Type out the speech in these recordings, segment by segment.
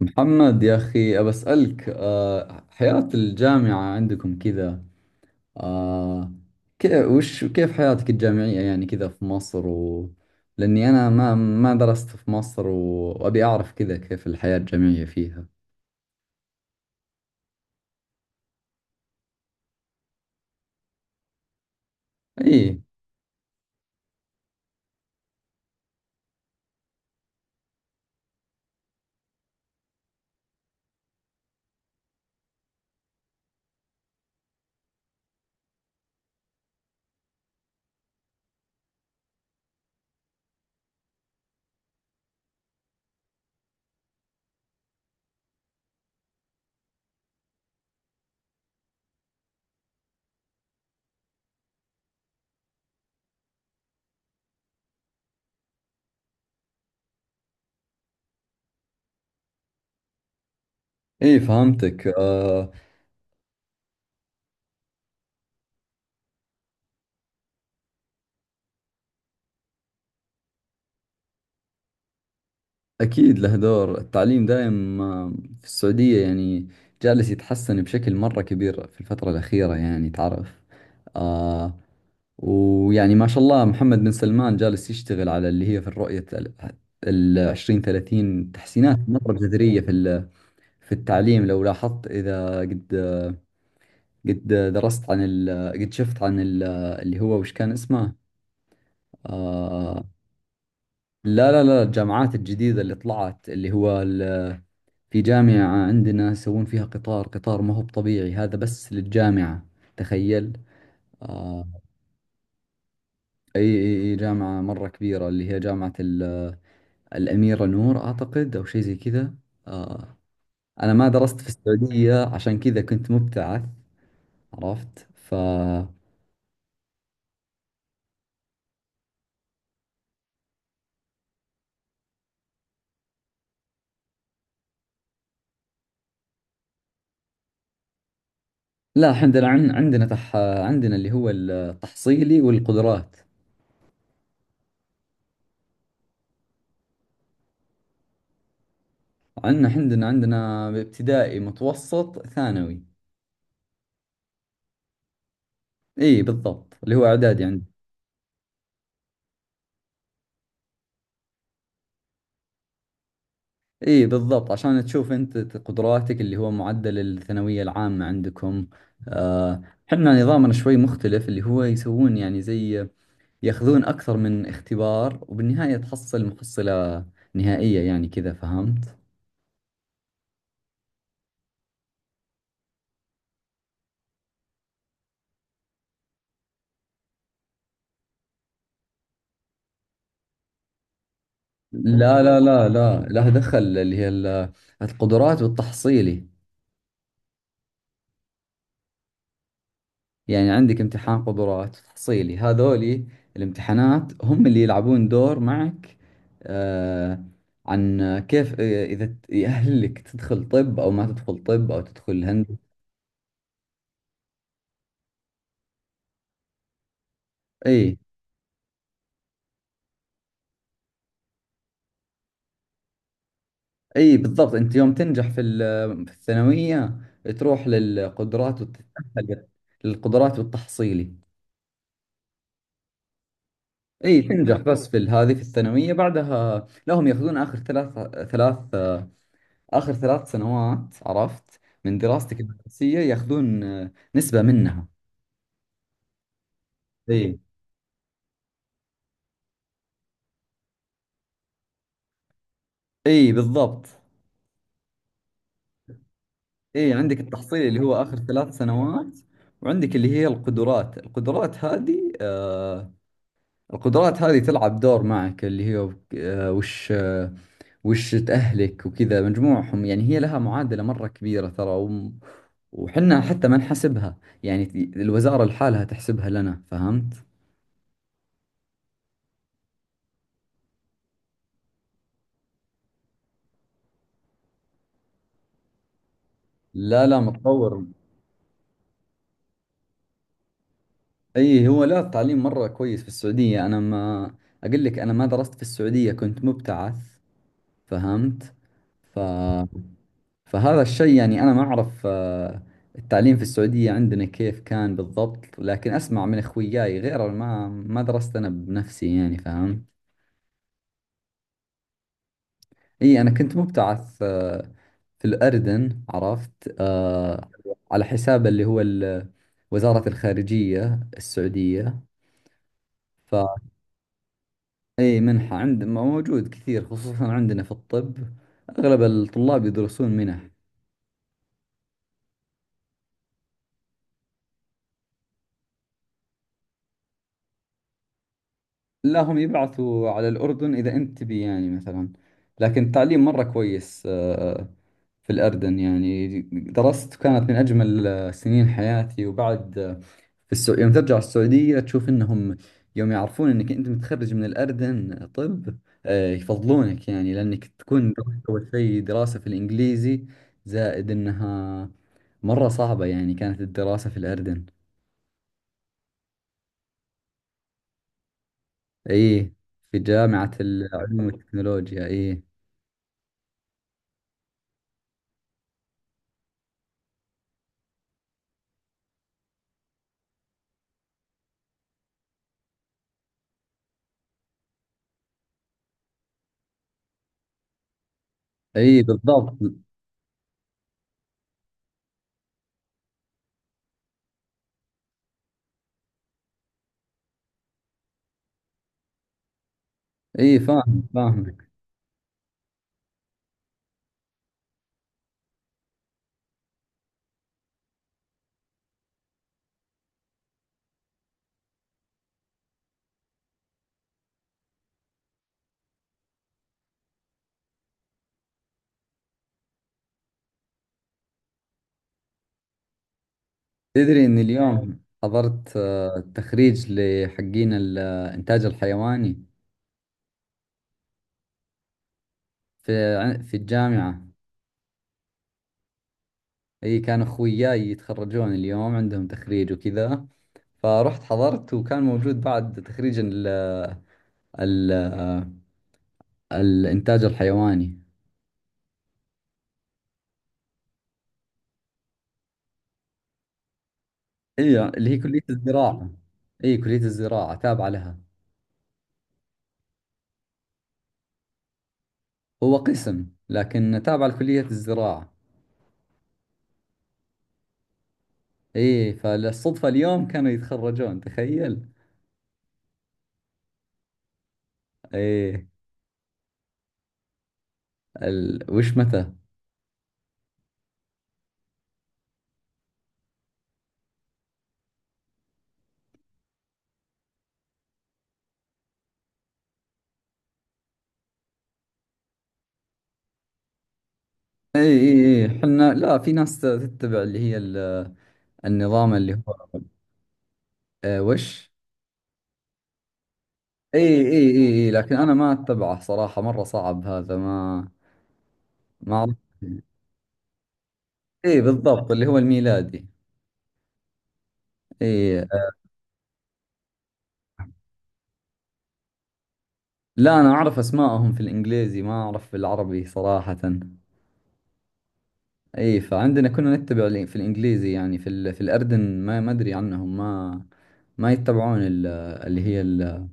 محمد يا أخي أبسألك حياة الجامعة عندكم كذا. أه كيف حياتك الجامعية يعني كذا في مصر لأني أنا ما درست في مصر وأبي أعرف كذا كيف الحياة الجامعية فيها. إي إي، فهمتك. أكيد له دور، التعليم دائم في السعودية يعني جالس يتحسن بشكل مرة كبير في الفترة الأخيرة، يعني تعرف. آه ويعني ما شاء الله محمد بن سلمان جالس يشتغل على اللي هي في الرؤية ال 2030، تحسينات مرة جذرية في في التعليم لو لاحظت. إذا قد درست عن ال قد شفت عن ال اللي هو وش كان اسمه. آه لا لا لا، الجامعات الجديدة اللي طلعت، اللي هو في جامعة عندنا يسوون فيها قطار، قطار ما هو طبيعي هذا، بس للجامعة، تخيل. آه أي أي أي، جامعة مرة كبيرة، اللي هي جامعة الأميرة نور أعتقد، أو شيء زي كذا. آه أنا ما درست في السعودية عشان كذا، كنت مبتعث، عرفت. لا، عندنا عندنا عندنا اللي هو التحصيلي والقدرات. عندنا ابتدائي، متوسط، ثانوي. اي بالضبط، اللي هو اعدادي عندنا. اي بالضبط، عشان تشوف انت قدراتك، اللي هو معدل الثانوية العامة عندكم. آه، احنا نظامنا شوي مختلف، اللي هو يسوون يعني زي، ياخذون أكثر من اختبار، وبالنهاية تحصل محصلة نهائية، يعني كذا، فهمت؟ لا لا لا لا، لها دخل اللي هي القدرات والتحصيلي. يعني عندك امتحان قدرات وتحصيلي، هذولي الامتحانات هم اللي يلعبون دور معك. آه عن كيف، إذا يأهلك تدخل طب أو ما تدخل طب أو تدخل هندسة. أي. اي بالضبط، انت يوم تنجح في في الثانويه، تروح للقدرات وتتاهل للقدرات والتحصيلي. اي تنجح بس في هذه في الثانويه، بعدها لهم ياخذون اخر ثلاث اخر 3 سنوات، عرفت، من دراستك الدراسيه، ياخذون نسبه منها. اي اي بالضبط. اي عندك التحصيل اللي هو اخر 3 سنوات، وعندك اللي هي القدرات. القدرات هذه القدرات هذه تلعب دور معك، اللي هي آه وش آه، وش أهلك وكذا، مجموعهم، يعني هي لها معادلة مرة كبيرة ترى، وحنا حتى ما نحسبها، يعني الوزارة لحالها تحسبها لنا، فهمت؟ لا لا، متطور. اي، هو لا التعليم مرة كويس في السعودية، انا ما اقول لك، انا ما درست في السعودية، كنت مبتعث، فهمت؟ ف... فهذا الشيء يعني انا ما اعرف التعليم في السعودية عندنا كيف كان بالضبط، لكن اسمع من اخوياي غيره، ما درست انا بنفسي، يعني فهمت؟ اي، انا كنت مبتعث في الاردن، عرفت، على حساب اللي هو وزارة الخارجية السعودية. ف اي منحة عند موجود كثير، خصوصا عندنا في الطب اغلب الطلاب يدرسون منح. لا، هم يبعثوا على الأردن إذا أنت تبي، يعني مثلا. لكن التعليم مرة كويس، في الأردن، يعني درست، كانت من أجمل سنين حياتي، وبعد، في يوم ترجع السعودية تشوف إنهم يوم يعرفون إنك أنت متخرج من الأردن طب، يفضلونك، يعني لأنك تكون درست، أول شيء دراسة في الإنجليزي، زائد إنها مرة صعبة، يعني كانت الدراسة في الأردن. إيه، في جامعة العلوم والتكنولوجيا، إيه. اي بالضبط. اي فاهم فاهمك. تدري ان اليوم حضرت تخريج لحقين الانتاج الحيواني. في في الجامعة. اي، كان اخوياي يتخرجون اليوم، عندهم تخريج وكذا، فرحت حضرت، وكان موجود بعد تخريج ال الانتاج الحيواني. اي اللي هي كلية الزراعة. اي كلية الزراعة تابعة لها. هو قسم لكن تابعة لكلية الزراعة. ايه، فالصدفة اليوم كانوا يتخرجون، تخيل. ايه وش متى. ايه ايه ايه، احنا لا، في ناس تتبع اللي هي ال... النظام اللي هو إيه وش. ايه ايه ايه ايه، لكن انا ما اتبعه صراحة، مرة صعب هذا، ما عرفت. ايه بالضبط، اللي هو الميلادي. ايه، لا انا اعرف اسمائهم في الانجليزي، ما اعرف في العربي صراحة. اي فعندنا كنا نتبع في الانجليزي، يعني في ال... في الاردن ما ادري عنهم، ما ما يتبعون ال... اللي هي ال...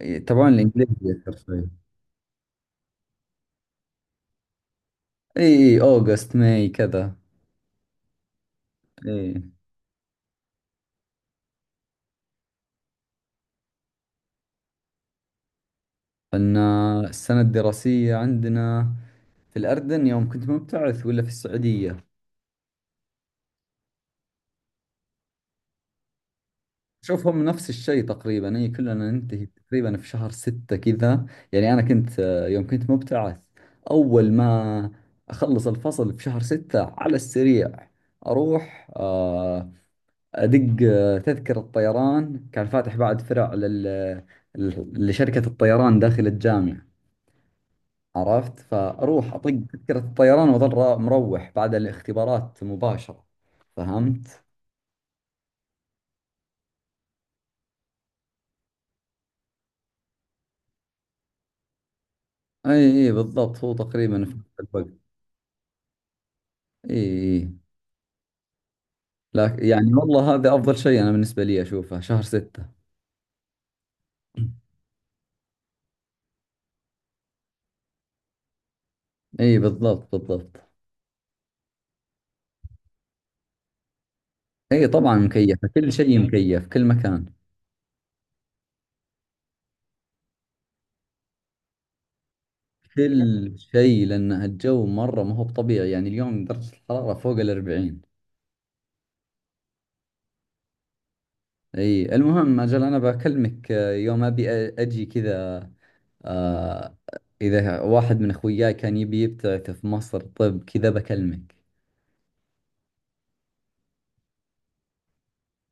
يتبعون الانجليزي اكثر شوي. اي. اي اوغست، ماي كذا. اي، فلنا السنة الدراسية عندنا في الاردن يوم كنت مبتعث ولا في السعودية. شوف، هم نفس الشيء تقريبا، هي كلنا ننتهي تقريبا في شهر 6 كذا. يعني أنا كنت، يوم كنت مبتعث، أول ما أخلص الفصل في شهر 6، على السريع أروح أدق تذكرة طيران، كان فاتح بعد فرع لل... لشركة الطيران داخل الجامعة، عرفت، فأروح أطق تذكرة الطيران وأظل مروح بعد الاختبارات مباشرة، فهمت؟ أي أي بالضبط، هو تقريبا في نفس الوقت. اي إي. لا يعني والله هذا أفضل شيء أنا بالنسبة لي، أشوفه شهر 6. إي بالضبط بالضبط. إي طبعا مكيفة، كل شيء مكيف، كل مكان. كل شيء، لأن الجو مرة ما هو بطبيعي، يعني اليوم درجة الحرارة فوق الأربعين. إي المهم، أجل أنا بكلمك يوم أبي أجي كذا. آه إذا واحد من أخوياي كان يبي يبتعث في مصر طب كذا بكلمك.